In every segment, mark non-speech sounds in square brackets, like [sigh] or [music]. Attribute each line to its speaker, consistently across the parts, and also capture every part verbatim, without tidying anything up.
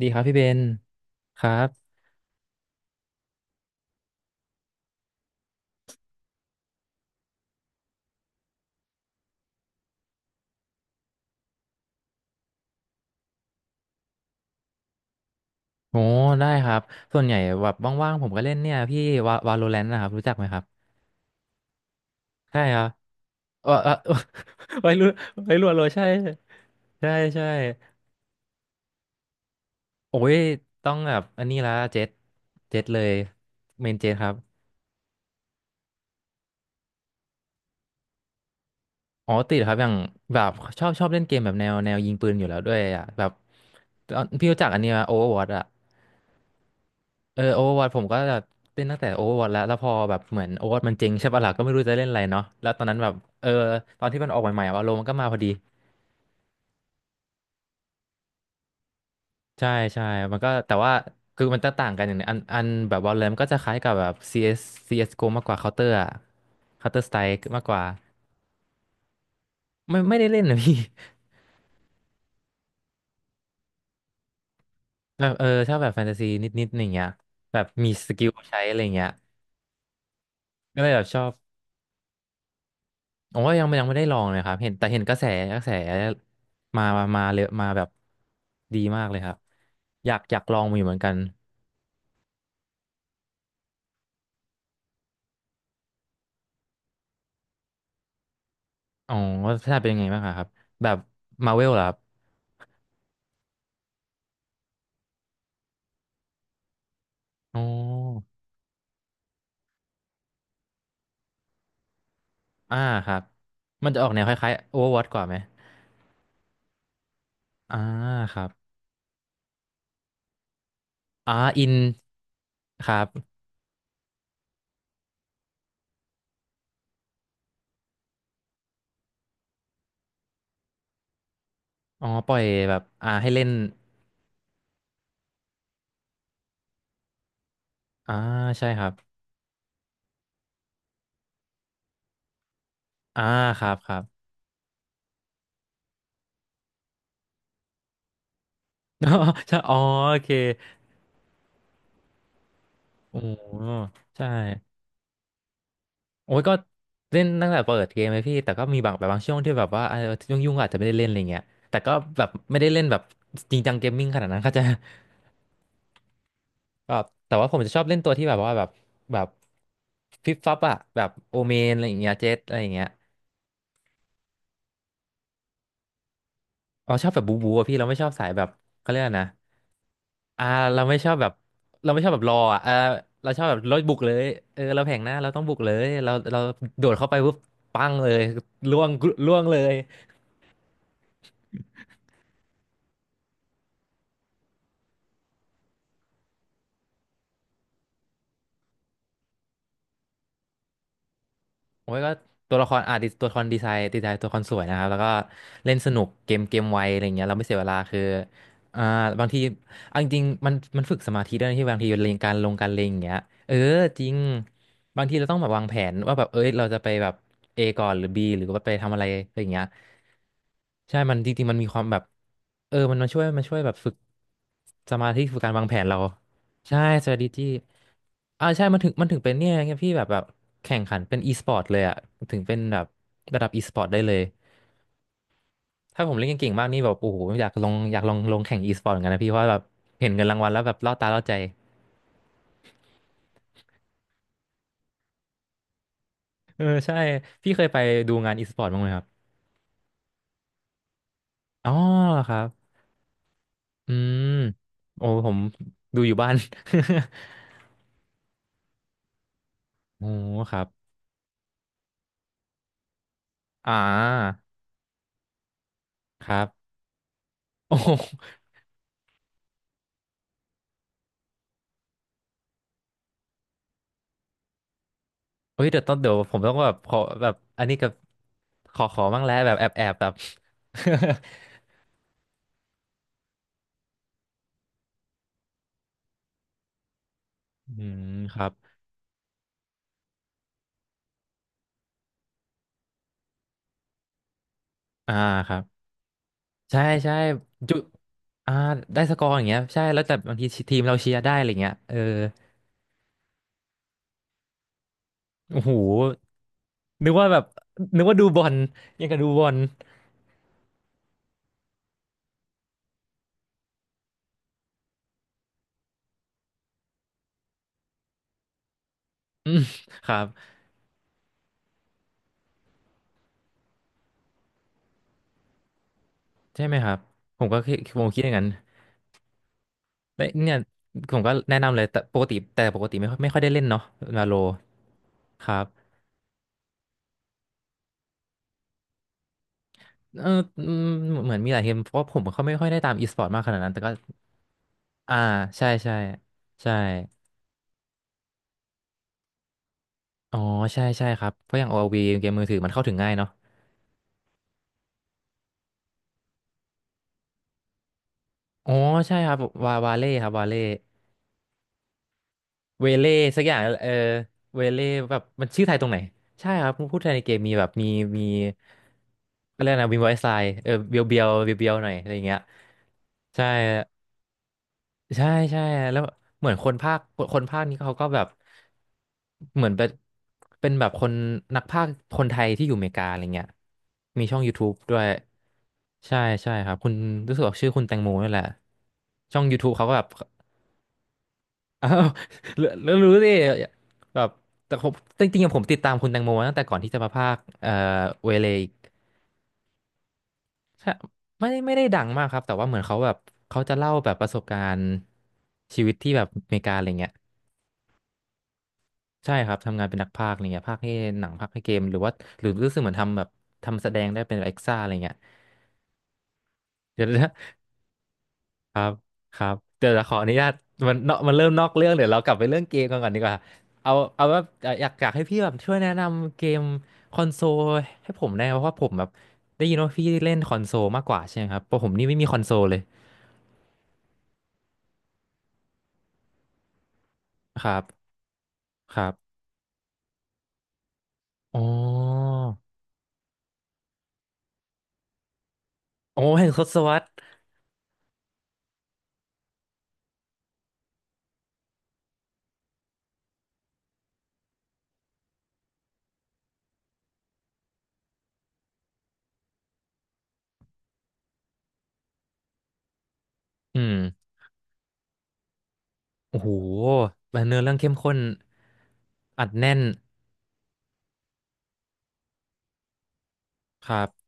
Speaker 1: ดีครับพี่เบนครับโอ้ได้ครับส่วนใหญ่แบบว่างๆผมก็เล่นเนี่ยพี่วาวาโลแรนต์นะครับรู้จักไหมครับใช่ครับเออเออ [laughs] ไว้รู้ไว้รู้โลใช่ใช่ใช่โอ้ยต้องแบบอันนี้ละเจ็ดเจ็ดเลยเมนเจ็ดครับอ๋อติดครับอย่างแบบชอบชอบเล่นเกมแบบแนวแนวยิงปืนอยู่แล้วด้วยอ่ะแบบตอนพี่รู้จักอันนี้ไหมโอเวอร์วอตอ่ะ เออโอเวอร์วอผมก็จะเล่นตั้งแต่โอเวอร์วอแล้วแล้วพอแบบเหมือนโอเวอร์วอมันเจริงใช่ปะล่ะก็ไม่รู้จะเล่นอะไรเนาะแล้วตอนนั้นแบบเออตอนที่มันออกใหม่ๆว่าโลมันก็มาพอดีใช่ใช่มันก็แต่ว่าคือมันจะต่างกันอย่างหนึงอันอันแบบ Valorant มันก็จะคล้ายกับแบบ ซี เอส ซี เอส จี โอ มากกว่า Counter อะ Counter Strike มากกว่าไม่ไม่ได้เล่นนะ [laughs] พี่ [laughs] แบบเออชอบแบบแฟนตาซีนิดๆอย่างเงี้ยแบบมีสกิลใช้อะไรเงี้ยก็เลยแบบชอบ โอ้ยยังไม่ยังไม่ได้ลองเลยครับเห็นแต่เห็นกระแสกระแสมามามาเลยมาแบบดีมากเลยครับอยากอยากลองมาอยู่เหมือนกันอ๋อ่าพี่ชาติเป็นยังไงบ้างอะครับแบบมาเวลเหรอครับอ๋ออ่าครับมันจะออกแนวคล้ายๆ Overwatch กว่าไหมอ่าครับอ่าอินครับอ๋อปล่อยแบบอ่าให้เล่นอ่าใช่ครับอ่าครับครับ [laughs] ใช่อ๋อโอเคโอ้ใช่ โอ้ยก็เล่นตั้งแต่เปิดเกมเลยพี่แต่ก็มีบางแบบบางช่วงที่แบบว่ายุ่งยุ่งๆก็อาจจะไม่ได้เล่นอะไรเงี้ยแต่ก็แบบไม่ได้เล่นแบบจริงจังเกมมิ่งขนาดนั้น [laughs] ก็จะ [laughs] แบบแต่ว่าผมจะชอบเล่นตัวที่แบบว่าแบบแบบฟิปฟับอะแบบโอเมนอะไรอย่างเงี้ยเจ็ตอะไรอย่างเงี้ยเราชอบแบบบูบูอะพี่เราไม่ชอบสายแบบเขาเรียกอะไรนะอ่าเราไม่ชอบแบบเราไม่ชอบแบบรออ่ะเออเราชอบแบบรถบุกเลยเออเราแผงหน้าเราต้องบุกเลยเราเราโดดเข้าไปปุ๊บปังเลยล่วงล่วงเลย โอ้ยก็ตัวละครอ่ะดิตัวละครดีไซน์ดีไซน์ตัวละครสวยนะครับแล้วก็เล่นสนุกเกมเกมไวอะไรเงี้ยเราไม่เสียเวลาคืออ่าบางทีเอาจริงๆมันมันฝึกสมาธิด้วยนะที่บางทีเลงการลงการเลงอย่างเงี้ยเออจริงบางทีเราต้องแบบวางแผนว่าแบบเอ้ยเราจะไปแบบ A ก่อนหรือ B หรือว่าไปทำอะไรอะไรอย่างเงี้ยใช่มันจริงๆมันมีความแบบเออมันมาช่วยมาช่วยแบบฝึกสมาธิฝึกการวางแผนเรา ใช่สวัสดีจี้อ่าใช่มันถึงมันถึงเป็นเนี่ยไงพี่แบบแบบแข่งขันเป็นอีสปอร์ตเลยอ่ะถึงเป็นแบบระดับอีสปอร์ตได้เลยถ้าผมเล่นเก่งๆมากนี่แบบโอ้โหอยากลงอยากลองลงแข่งอีสปอร์ตเหมือนกันนะพี่เพราะว่าแบบเห็นเงินรางวัลแล้วแบบล่อตาล่อใจเออใช่พี่เคยไปดูงานอีสปอร์ตบ้างไหมครับอ๋อเหรอครับอืมโอ้ผมดูอยู่บ้าน [laughs] โอ้ครับอ่าครับโอ้ เฮ้ยเดี๋ยวต้องเดี๋ยวผมต้องแบบขอแบบอันนี้กับขอขอบ้างแล้วแบบแอบแอบแบบ [laughs] อืมครับอ่าครับใช่ใช่จุอ่าได้สกอร์อย่างเงี้ยใช่แล้วแต่บางทีทีมเราเชียร์ได้อะไรเงี้ยเออโอ้โหนึกว่าแบบนึกว่าดูบอลยังกับดูบอลอืมครับใช่ไหมครับผมก็คิดผมคิดอย่างนั้นแต่เนี่ยผมก็แนะนำเลยแต่ปกติแต่ปกติไม่ค่อยไม่ค่อยได้เล่นเนาะมาโลครับ เอออืมเหมือนมีหลายเกมเพราะว่าผมก็ไม่ค่อยได้ตามอีสปอร์ตมากขนาดนั้นแต่ก็อ่าใช่ใช่ใช่อ๋อใช่ใช่ครับเพราะอย่าง โอ แอล วี เกมมือถือมันเข้าถึงง่ายเนาะอ๋อใช่ครับวาวาเล่ครับวาเล่เวเล่สักอย่างเออเวเล่แบบมันชื่อไทยตรงไหนใช่ครับพูดไทยในเกมมีแบบมีมีก็เรียกนะวินไวซ์ไซเออเบียวเบียวเบียวเบียวๆหน่อยอะไรอย่างเงี้ยใช่ ใช่ใช่แล้วเหมือนคนภาคคนภาคนี้เขาก็แบบเหมือนเป็นเป็นแบบคนนักภาคคนไทยที่อยู่อเมริกาอะไรเงี้ยมีช่อง YouTube ด้วยใช่ใช่ครับคุณรู้สึกออกชื่อคุณแตงโมนี่แหละช่อง YouTube เขาก็แบบ [laughs] อ้าวรู้รู้รู้ดิแบบแต่ผมจริงๆอะผมติดตามคุณแตงโมตั้งแต่ก่อนที่จะมาภาคเอ่อเวเลอีกใช่ไม่ไม่ได้ดังมากครับแต่ว่าเหมือนเขาแบบเขาจะเล่าแบบประสบการณ์ชีวิตที่แบบอเมริกาอะไรเงี้ย ใช่ครับทำงานเป็นนักพากย์อะไรเงี้ยพากย์ให้หนังพากย์ให้เกมหรือว่าหรือรู้สึกเหมือนทำแบบทำแสดงได้เป็นเอ็กซ่าอะไรเงี้ยเดี๋ยวนะครับครับเดี๋ยวเราขออนุญาตมันเนาะมันเริ่มนอกเรื่องเดี๋ยวเรากลับไปเรื่องเกมกันก่อนดีกว่าเอาเอาว่าเอ่ออยากอยากให้พี่แบบช่วยแนะนำเกมคอนโซลให้ผมได้ไหมเพราะว่าผมแบบได้ยินว่าพี่เล่นคอนโซลมากกว่าใช่ไหมครับเพราะผมนี่ไม่มีคอนโซลเลยครับครับอ๋อโอ้แห่งทศวรรษอืมโอ้โหเนื้อเรื่องเข้มข้นอัดแน่น ครับ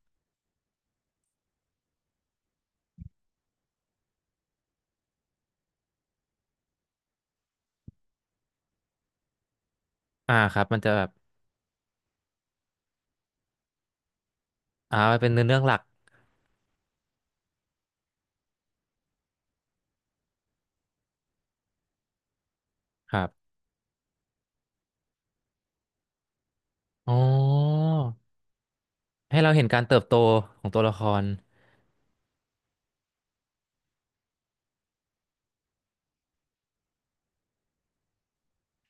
Speaker 1: อ่าครับมันจะแบบอ่าเป็นเนื้อเรื่องหลักครับอ๋อให้เราเห็นการเติบโตของตัวละคร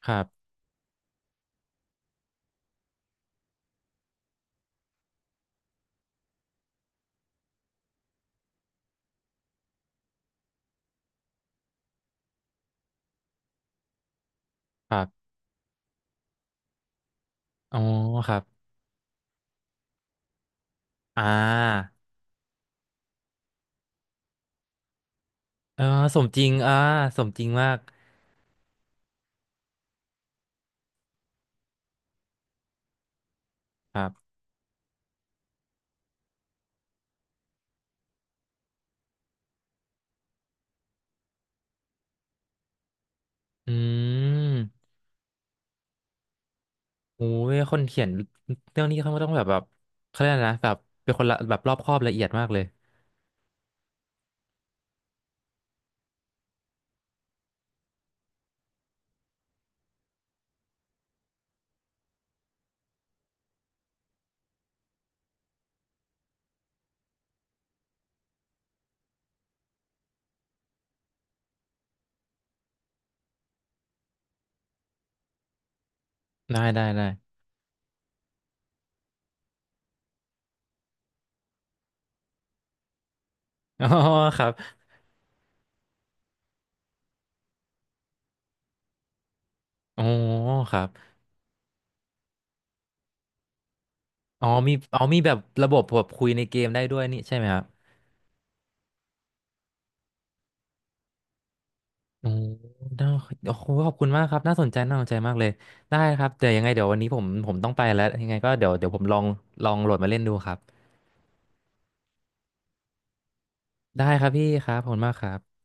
Speaker 1: ครับครับอ๋อครับอ่าเออสมจริงอ่าสมจริงมากครับอืมโอ้ยคนเขียนเรื่องนี้เขาก็ต้องแบบแบบเขาเรียกอะไรนะแบบเป็นคนละแบบรอบคอบละเอียดมากเลยได้ได้ได้ [laughs] อ๋อครับอ๋อครับอ๋อมีอ๋อมีแบบระบบแบบคุยในเกมได้ด้วยนี่ใช่ไหมครับ โอ้น่าโอ้โหขอบคุณมากครับน่าสนใจน่าสนใจมากเลย ได้ครับเดี๋ยวยังไงเดี๋ยววันนี้ผมผมต้องไปแล้ว ยังไงก็เดี๋ยวเดี๋ยวผมลอง ลองโหลดมาเล่นดูครับ ได้ครับพี่ครับขอบคุณมากครับ